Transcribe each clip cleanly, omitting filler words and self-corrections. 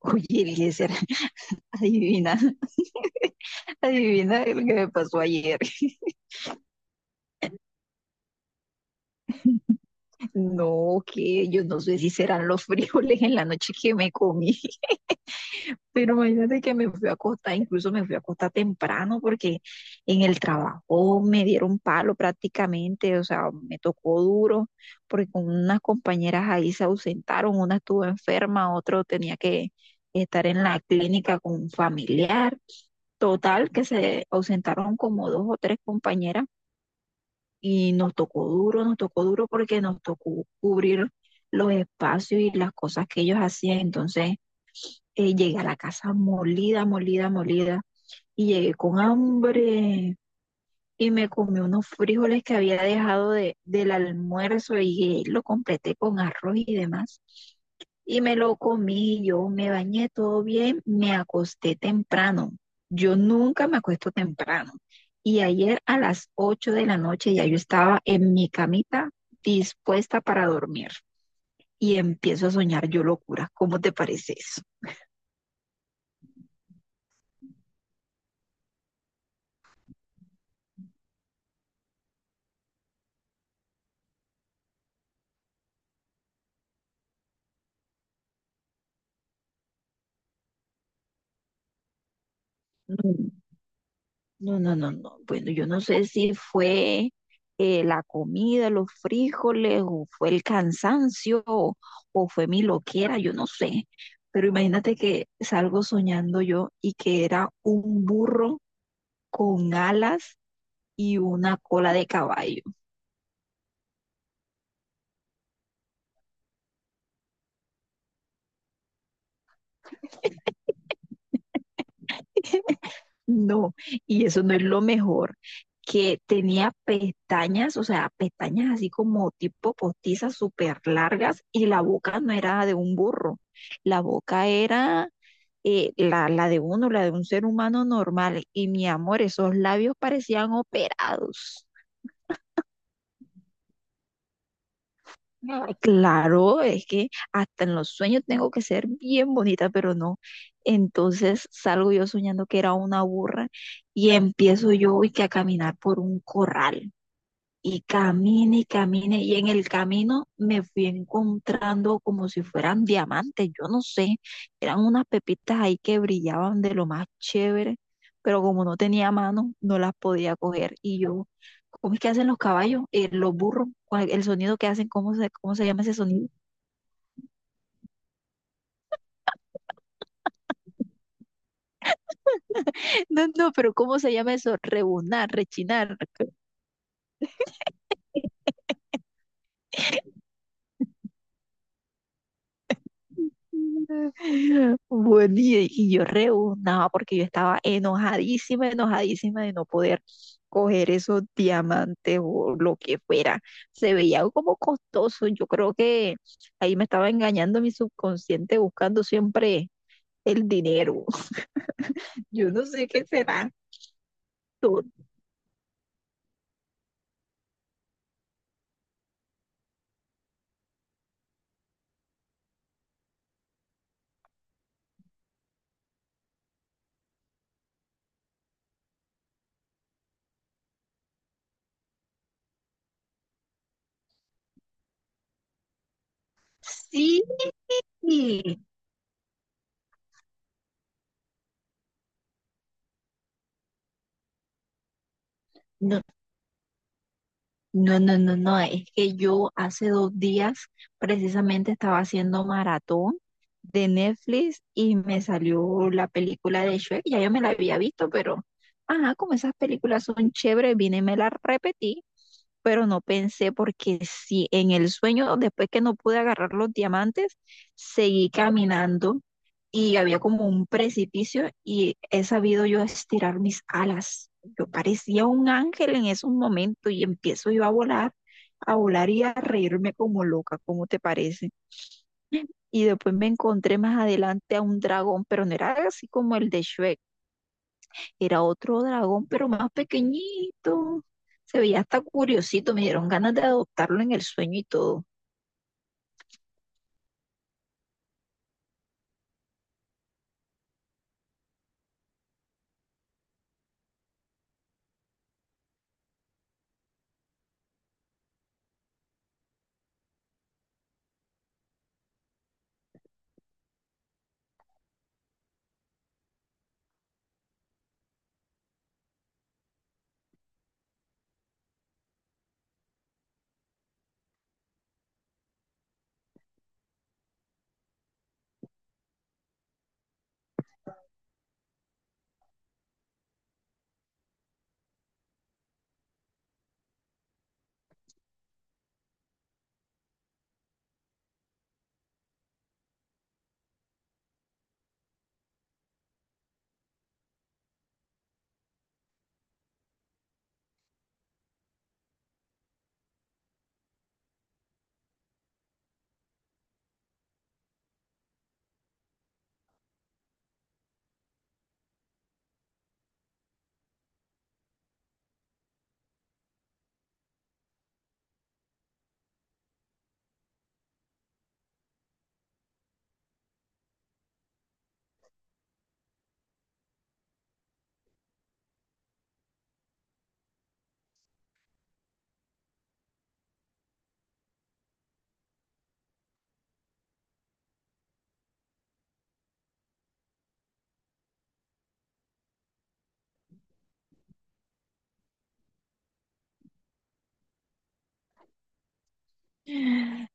Oye, Eliezer, adivina, adivina lo que me pasó ayer. No, que yo no sé si serán los frijoles en la noche que me comí, pero imagínate que me fui a acostar, incluso me fui a acostar temprano porque en el trabajo me dieron palo prácticamente, o sea, me tocó duro porque con unas compañeras ahí se ausentaron, una estuvo enferma, otro tenía que estar en la clínica con un familiar. Total, que se ausentaron como dos o tres compañeras y nos tocó duro porque nos tocó cubrir los espacios y las cosas que ellos hacían. Entonces llegué a la casa molida, molida, molida y llegué con hambre y me comí unos frijoles que había dejado del almuerzo y lo completé con arroz y demás. Y me lo comí, yo me bañé todo bien, me acosté temprano. Yo nunca me acuesto temprano. Y ayer a las 8 de la noche ya yo estaba en mi camita dispuesta para dormir y empiezo a soñar yo locuras. ¿Cómo te parece eso? Mm. No, no, no, no. Bueno, yo no sé si fue la comida, los frijoles, o fue el cansancio, o fue mi loquera, yo no sé. Pero imagínate que salgo soñando yo y que era un burro con alas y una cola de caballo. No, y eso no es lo mejor, que tenía pestañas, o sea, pestañas así como tipo postizas súper largas y la boca no era de un burro, la boca era la de uno, la de un ser humano normal. Y mi amor, esos labios parecían operados. Ay, claro, es que hasta en los sueños tengo que ser bien bonita, pero no. Entonces salgo yo soñando que era una burra y empiezo yo y que a caminar por un corral. Y camine y camine y en el camino me fui encontrando como si fueran diamantes, yo no sé, eran unas pepitas ahí que brillaban de lo más chévere, pero como no tenía mano, no las podía coger y yo, ¿cómo es que hacen los caballos, los burros, cuál- el sonido que hacen, cómo se llama ese sonido? No, no, pero ¿cómo se llama eso? Rebunar, rechinar, bueno, y yo rebuznaba porque yo estaba enojadísima, enojadísima de no poder coger esos diamantes o lo que fuera. Se veía algo como costoso. Yo creo que ahí me estaba engañando mi subconsciente buscando siempre el dinero. Yo no sé qué será. Tú... Sí, no, no, no, no, no, es que yo hace dos días precisamente estaba haciendo maratón de Netflix y me salió la película de Shrek, ya yo me la había visto, pero, ajá, como esas películas son chéveres, vine y me las repetí, pero no pensé porque si en el sueño, después que no pude agarrar los diamantes, seguí caminando y había como un precipicio y he sabido yo estirar mis alas. Yo parecía un ángel en esos momentos y empiezo yo a volar y a reírme como loca, ¿cómo te parece? Y después me encontré más adelante a un dragón, pero no era así como el de Shrek, era otro dragón, pero más pequeñito. Se veía hasta curiosito, me dieron ganas de adoptarlo en el sueño y todo.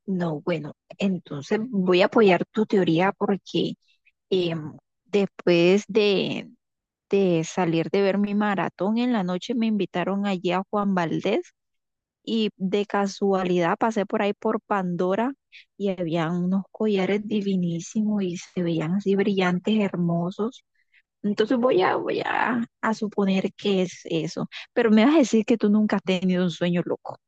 No, bueno, entonces voy a apoyar tu teoría porque Em, después de salir de ver mi maratón en la noche, me invitaron allí a Juan Valdés y de casualidad pasé por ahí por Pandora y habían unos collares divinísimos y se veían así brillantes, hermosos. Entonces a suponer que es eso. Pero me vas a decir que tú nunca has tenido un sueño loco.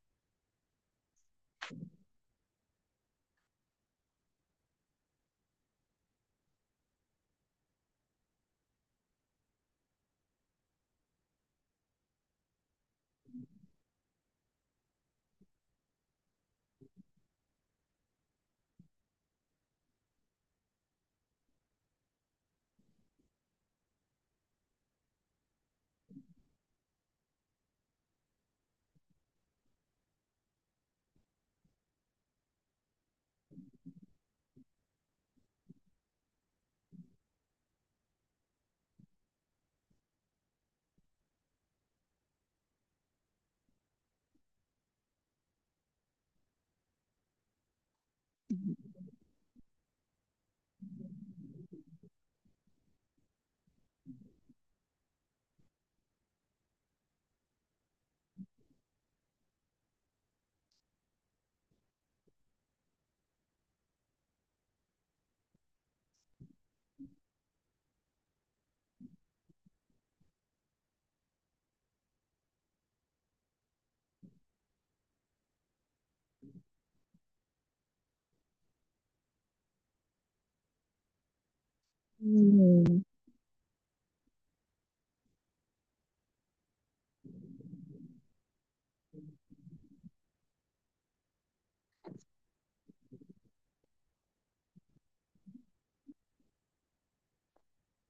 Mm.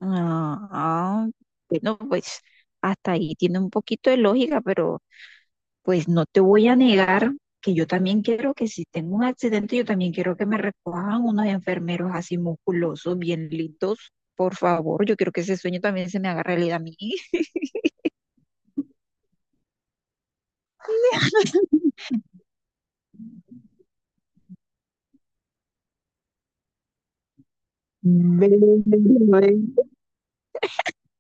Ah, ah, bueno, pues hasta ahí tiene un poquito de lógica, pero... Pues no te voy a negar que yo también quiero que si tengo un accidente, yo también quiero que me recojan unos enfermeros así musculosos, bien lindos. Por favor, yo quiero que ese sueño también se me haga realidad a mí. Ve, ve.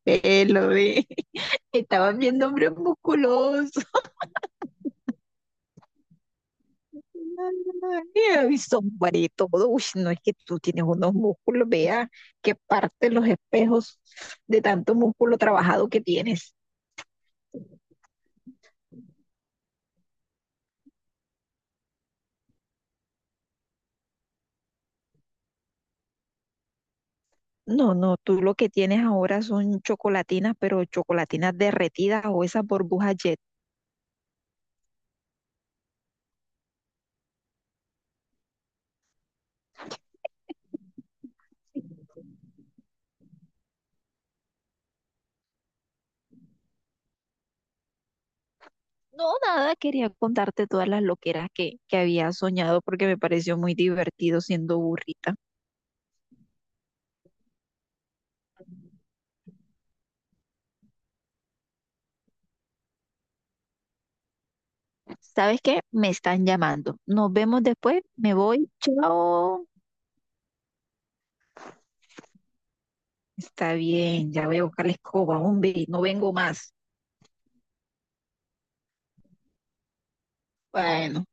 Ve, lo ve. Estaban viendo hombres musculosos. Ay, sombra y todo. Uy, no es que tú tienes unos músculos, vea que parte los espejos de tanto músculo trabajado que tienes. No, no, tú lo que tienes ahora son chocolatinas, pero chocolatinas derretidas o esas burbujas jet. No, nada, quería contarte todas las loqueras que había soñado porque me pareció muy divertido siendo burrita. ¿Sabes qué? Me están llamando. Nos vemos después, me voy, chao. Está bien, ya voy a buscar la escoba, hombre, no vengo más. Bueno.